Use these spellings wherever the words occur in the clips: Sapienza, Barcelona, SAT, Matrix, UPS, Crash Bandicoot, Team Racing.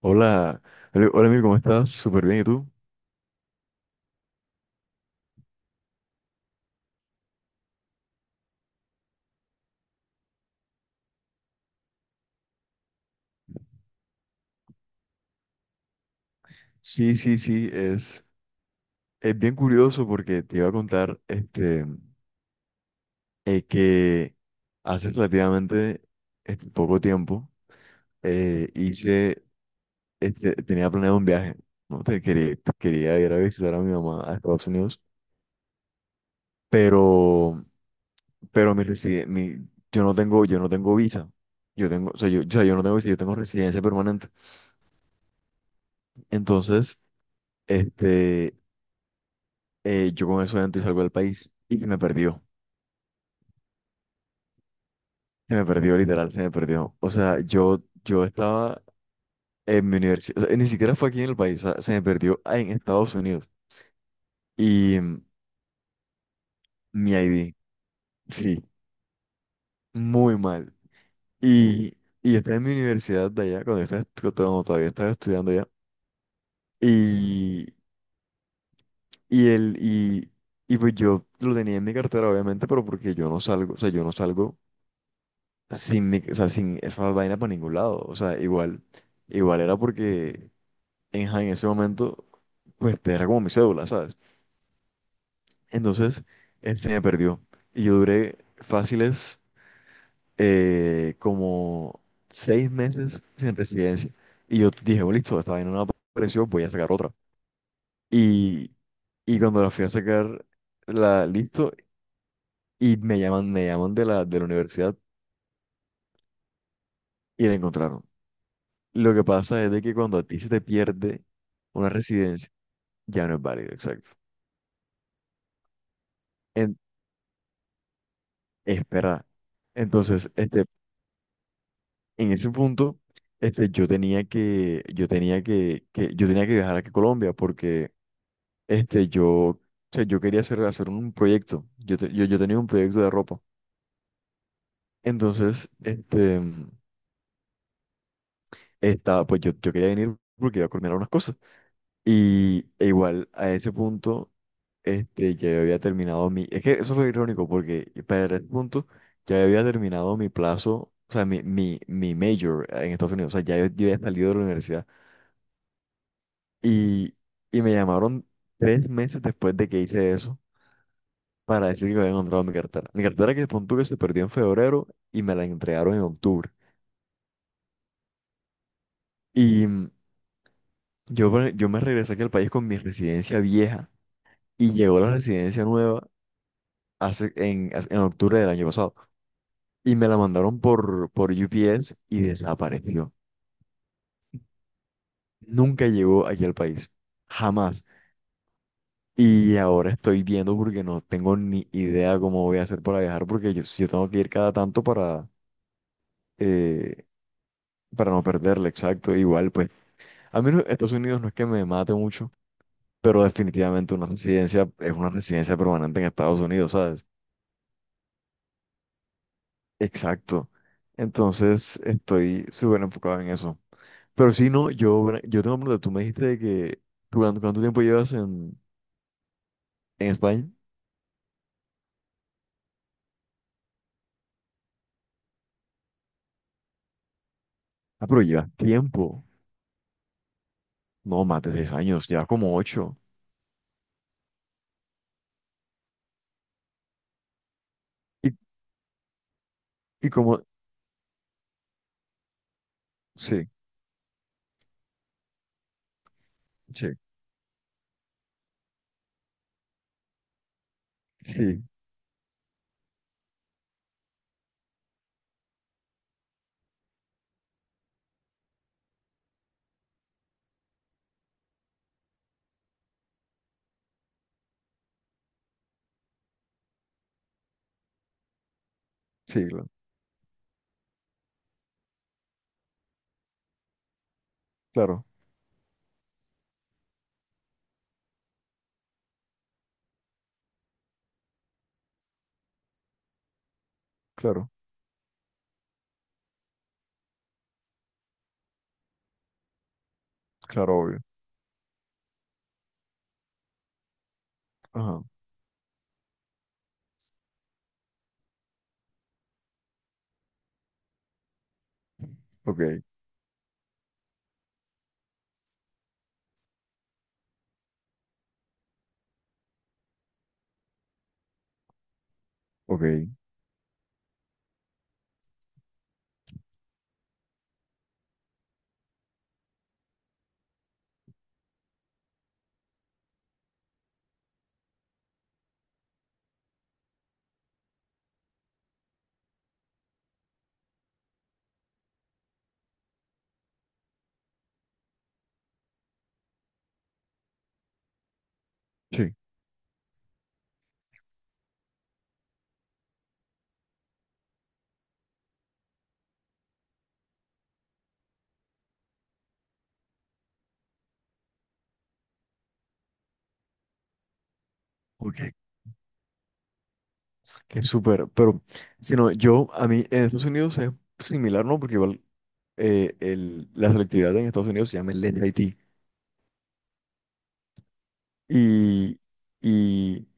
Hola, Emil, ¿cómo estás? Súper bien, ¿y tú? Sí, sí, sí, es bien curioso porque te iba a contar que hace relativamente poco tiempo, eh, hice, tenía planeado un viaje, ¿no? Quería ir a visitar a mi mamá a Estados Unidos, pero, pero yo no tengo visa. Yo tengo, o sea, yo no tengo visa, yo tengo residencia permanente. Entonces. Este, yo con eso adentro y salgo del país y me perdió. Se me perdió, literal, se me perdió. O sea, yo estaba en mi universidad, o sea, ni siquiera fue aquí en el país, o sea, se me perdió en Estados Unidos. Y mm, mi ID, sí, muy mal. Y, y yo estaba en mi universidad de allá, cuando todavía estaba estudiando allá. Y, y, el, y, y pues yo lo tenía en mi cartera, obviamente, pero porque yo no salgo, o sea, yo no salgo sin, mi- o sea, sin esa vaina para ningún lado. O sea, igual era porque en ese momento, pues te era como mi cédula, ¿sabes? Entonces, él se me perdió. Y yo duré fáciles, como 6 meses sin residencia. Y yo dije, bueno, listo, esta vaina no apareció, voy a sacar otra. Y, y cuando la fui a sacar, la listo, y me llaman de la universidad y la encontraron. Lo que pasa es de que cuando a ti se te pierde una residencia, ya no es válido, exacto. En, Espera. Entonces, en ese punto, yo tenía que viajar aquí a Colombia porque, o sea, yo quería hacer un proyecto. Yo tenía un proyecto de ropa. Entonces, pues yo quería venir porque iba a coordinar unas cosas. E igual a ese punto, ya yo había terminado mi. Es que eso fue irónico porque para ese punto ya yo había terminado mi plazo, o sea, mi major en Estados Unidos, o sea, ya yo había salido de la universidad. Y, y me llamaron 3 meses después de que hice eso para decir que había encontrado mi cartera. Mi cartera que punto que se perdió en febrero y me la entregaron en octubre. Y mm, yo me regresé aquí al país con mi residencia vieja y llegó la residencia nueva en octubre del año pasado. Y me la mandaron por, UPS y desapareció. Nunca llegó aquí al país. Jamás. Y ahora estoy viendo porque no tengo ni idea cómo voy a hacer para viajar porque si yo tengo que ir cada tanto eh, para no perderla, exacto. Igual, pues, a mí no- Estados Unidos no es que me mate mucho, pero definitivamente una residencia es una residencia permanente en Estados Unidos, ¿sabes? Exacto. Entonces estoy súper enfocado en eso. Pero si no, yo tengo una pregunta. Tú me dijiste de que, ¿tú cuánto tiempo llevas en España? Ah, pero llevas tiempo. No, más de 6 años, llevas como 8. Y, y como, sí, sí, sí, sí, claro, claro, claro, obvio. Ajá, ok, ok, sí, ok. Qué súper, pero si no, a mí, en Estados Unidos es similar, ¿no? Porque igual, la selectividad en Estados Unidos se llama el SAT. Y, y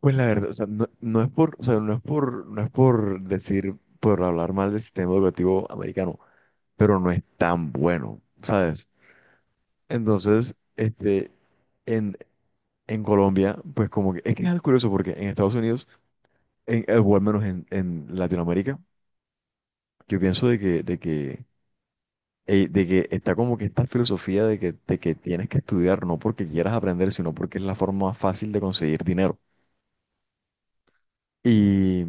pues la verdad, o sea, no, no es por, o sea, no es por decir, por hablar mal del sistema educativo americano, pero no es tan bueno, ¿sabes? Entonces, en, en Colombia, pues como que es algo curioso porque en Estados Unidos, o al menos en Latinoamérica, yo pienso de que está como que esta filosofía de que tienes que estudiar no porque quieras aprender, sino porque es la forma más fácil de conseguir dinero. y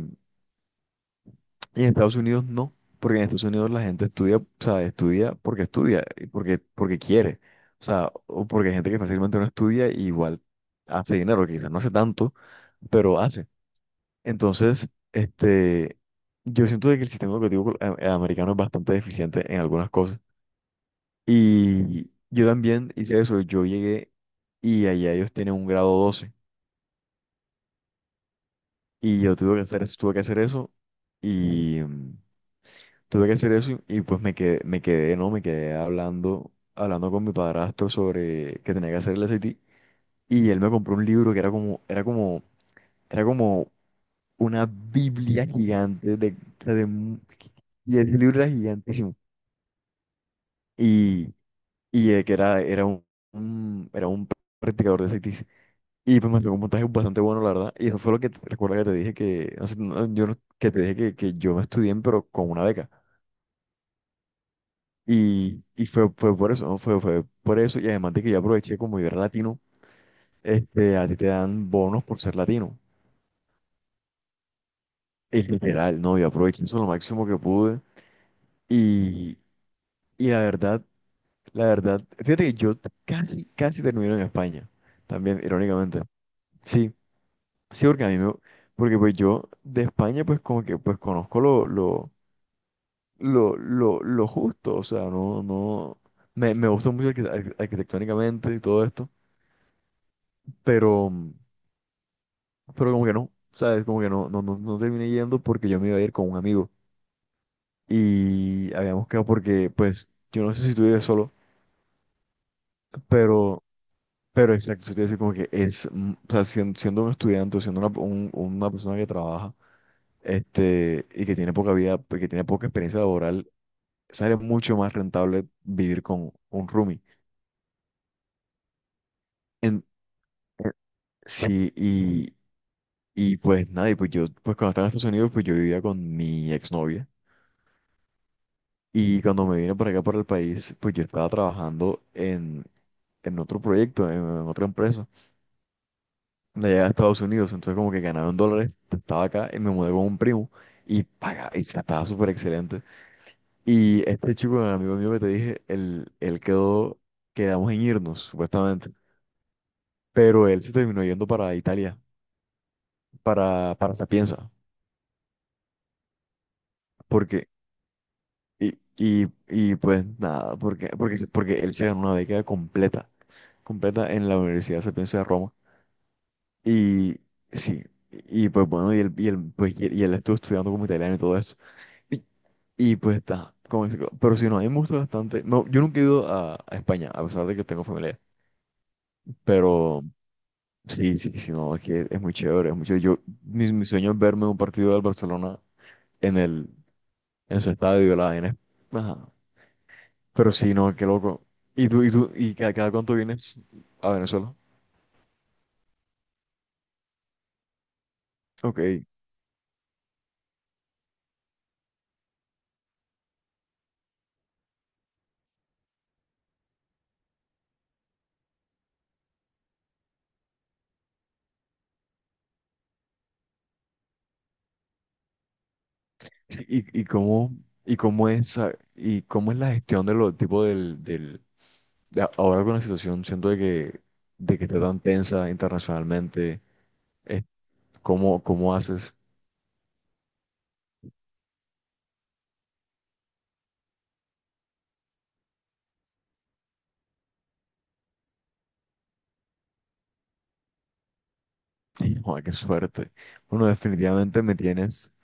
Y en Estados Unidos no, porque en Estados Unidos la gente estudia, o sea, estudia porque estudia, y porque quiere, o sea, o porque hay gente que fácilmente no estudia y igual hace dinero, que quizás no hace tanto, pero hace. Entonces, yo siento de que el sistema educativo americano es bastante deficiente en algunas cosas. Y yo también hice eso, yo llegué y allá ellos tienen un grado 12 y yo tuve que hacer eso, tuve que hacer eso y tuve que hacer eso y pues me quedé, ¿no? Me quedé hablando con mi padrastro sobre que tenía que hacer el SAT. Y él me compró un libro que era como una Biblia gigante de, o sea, y el libro era gigantísimo. Y, que era un practicador de SATs. Y pues me sacó un puntaje bastante bueno, la verdad. Y eso fue recuerda que te dije que, no sé, no, yo no- que te dije que yo me estudié, pero con una beca. Y fue por eso, ¿no? Fue por eso. Y además de que yo aproveché, como yo era latino, a ti te dan bonos por ser latino. Es literal, ¿no? Yo aproveché eso lo máximo que pude. Y, y la verdad, fíjate que yo casi, casi termino en España. También, irónicamente. Sí, sí, porque porque pues yo de España, pues como que, pues conozco lo justo. O sea, no, no, me gusta mucho arquitectónicamente y todo esto. Pero... pero como que no, ¿sabes? Como que no, no, no, no terminé yendo porque yo me iba a ir con un amigo y habíamos quedado porque, pues, yo no sé si tú vives solo, pero, pero exacto, eso te iba a decir como que es, o sea, siendo un estudiante o siendo una persona que trabaja, y que tiene poca vida, pues, que tiene poca experiencia laboral, sale mucho más rentable vivir con un roomie. En, en- sí, y pues nada, pues cuando estaba en Estados Unidos, pues yo vivía con mi exnovia. Y cuando me vine para acá, para el país, pues yo estaba trabajando en otro proyecto, en otra empresa, de allá de Estados Unidos. Entonces, como que ganaba en dólares, estaba acá y me mudé con un primo estaba súper excelente. Y este chico, el amigo mío que te dije, él quedamos en irnos, supuestamente. Pero él se terminó yendo para Italia, para Sapienza, porque, y pues nada, porque él se ganó una beca completa, completa en la Universidad Sapienza de Roma. Y sí, y pues bueno, pues, y él estuvo estudiando como italiano y todo eso. Y, pues está, pero si no, a mí me gusta bastante. No, yo nunca he ido a España, a pesar de que tengo familia. Pero sí, sí, sí, no, es que es muy chévere, es muy chévere. Mi sueño es verme un partido del Barcelona en en su estadio, la vaina. Ajá. Pero sí, no, qué loco. ¿Cada cuánto vienes a Venezuela? Ok. ¿Y, y cómo, y cómo es la gestión de los tipos del, ahora con la situación, siento de que está tan tensa internacionalmente, eh, ¿cómo haces? Joder, qué suerte. Bueno, definitivamente me tienes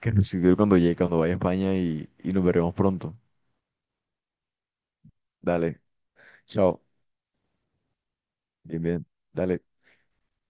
que recibir cuando llegue, cuando vaya a España y nos veremos pronto. Dale, chao, bien, bien, dale.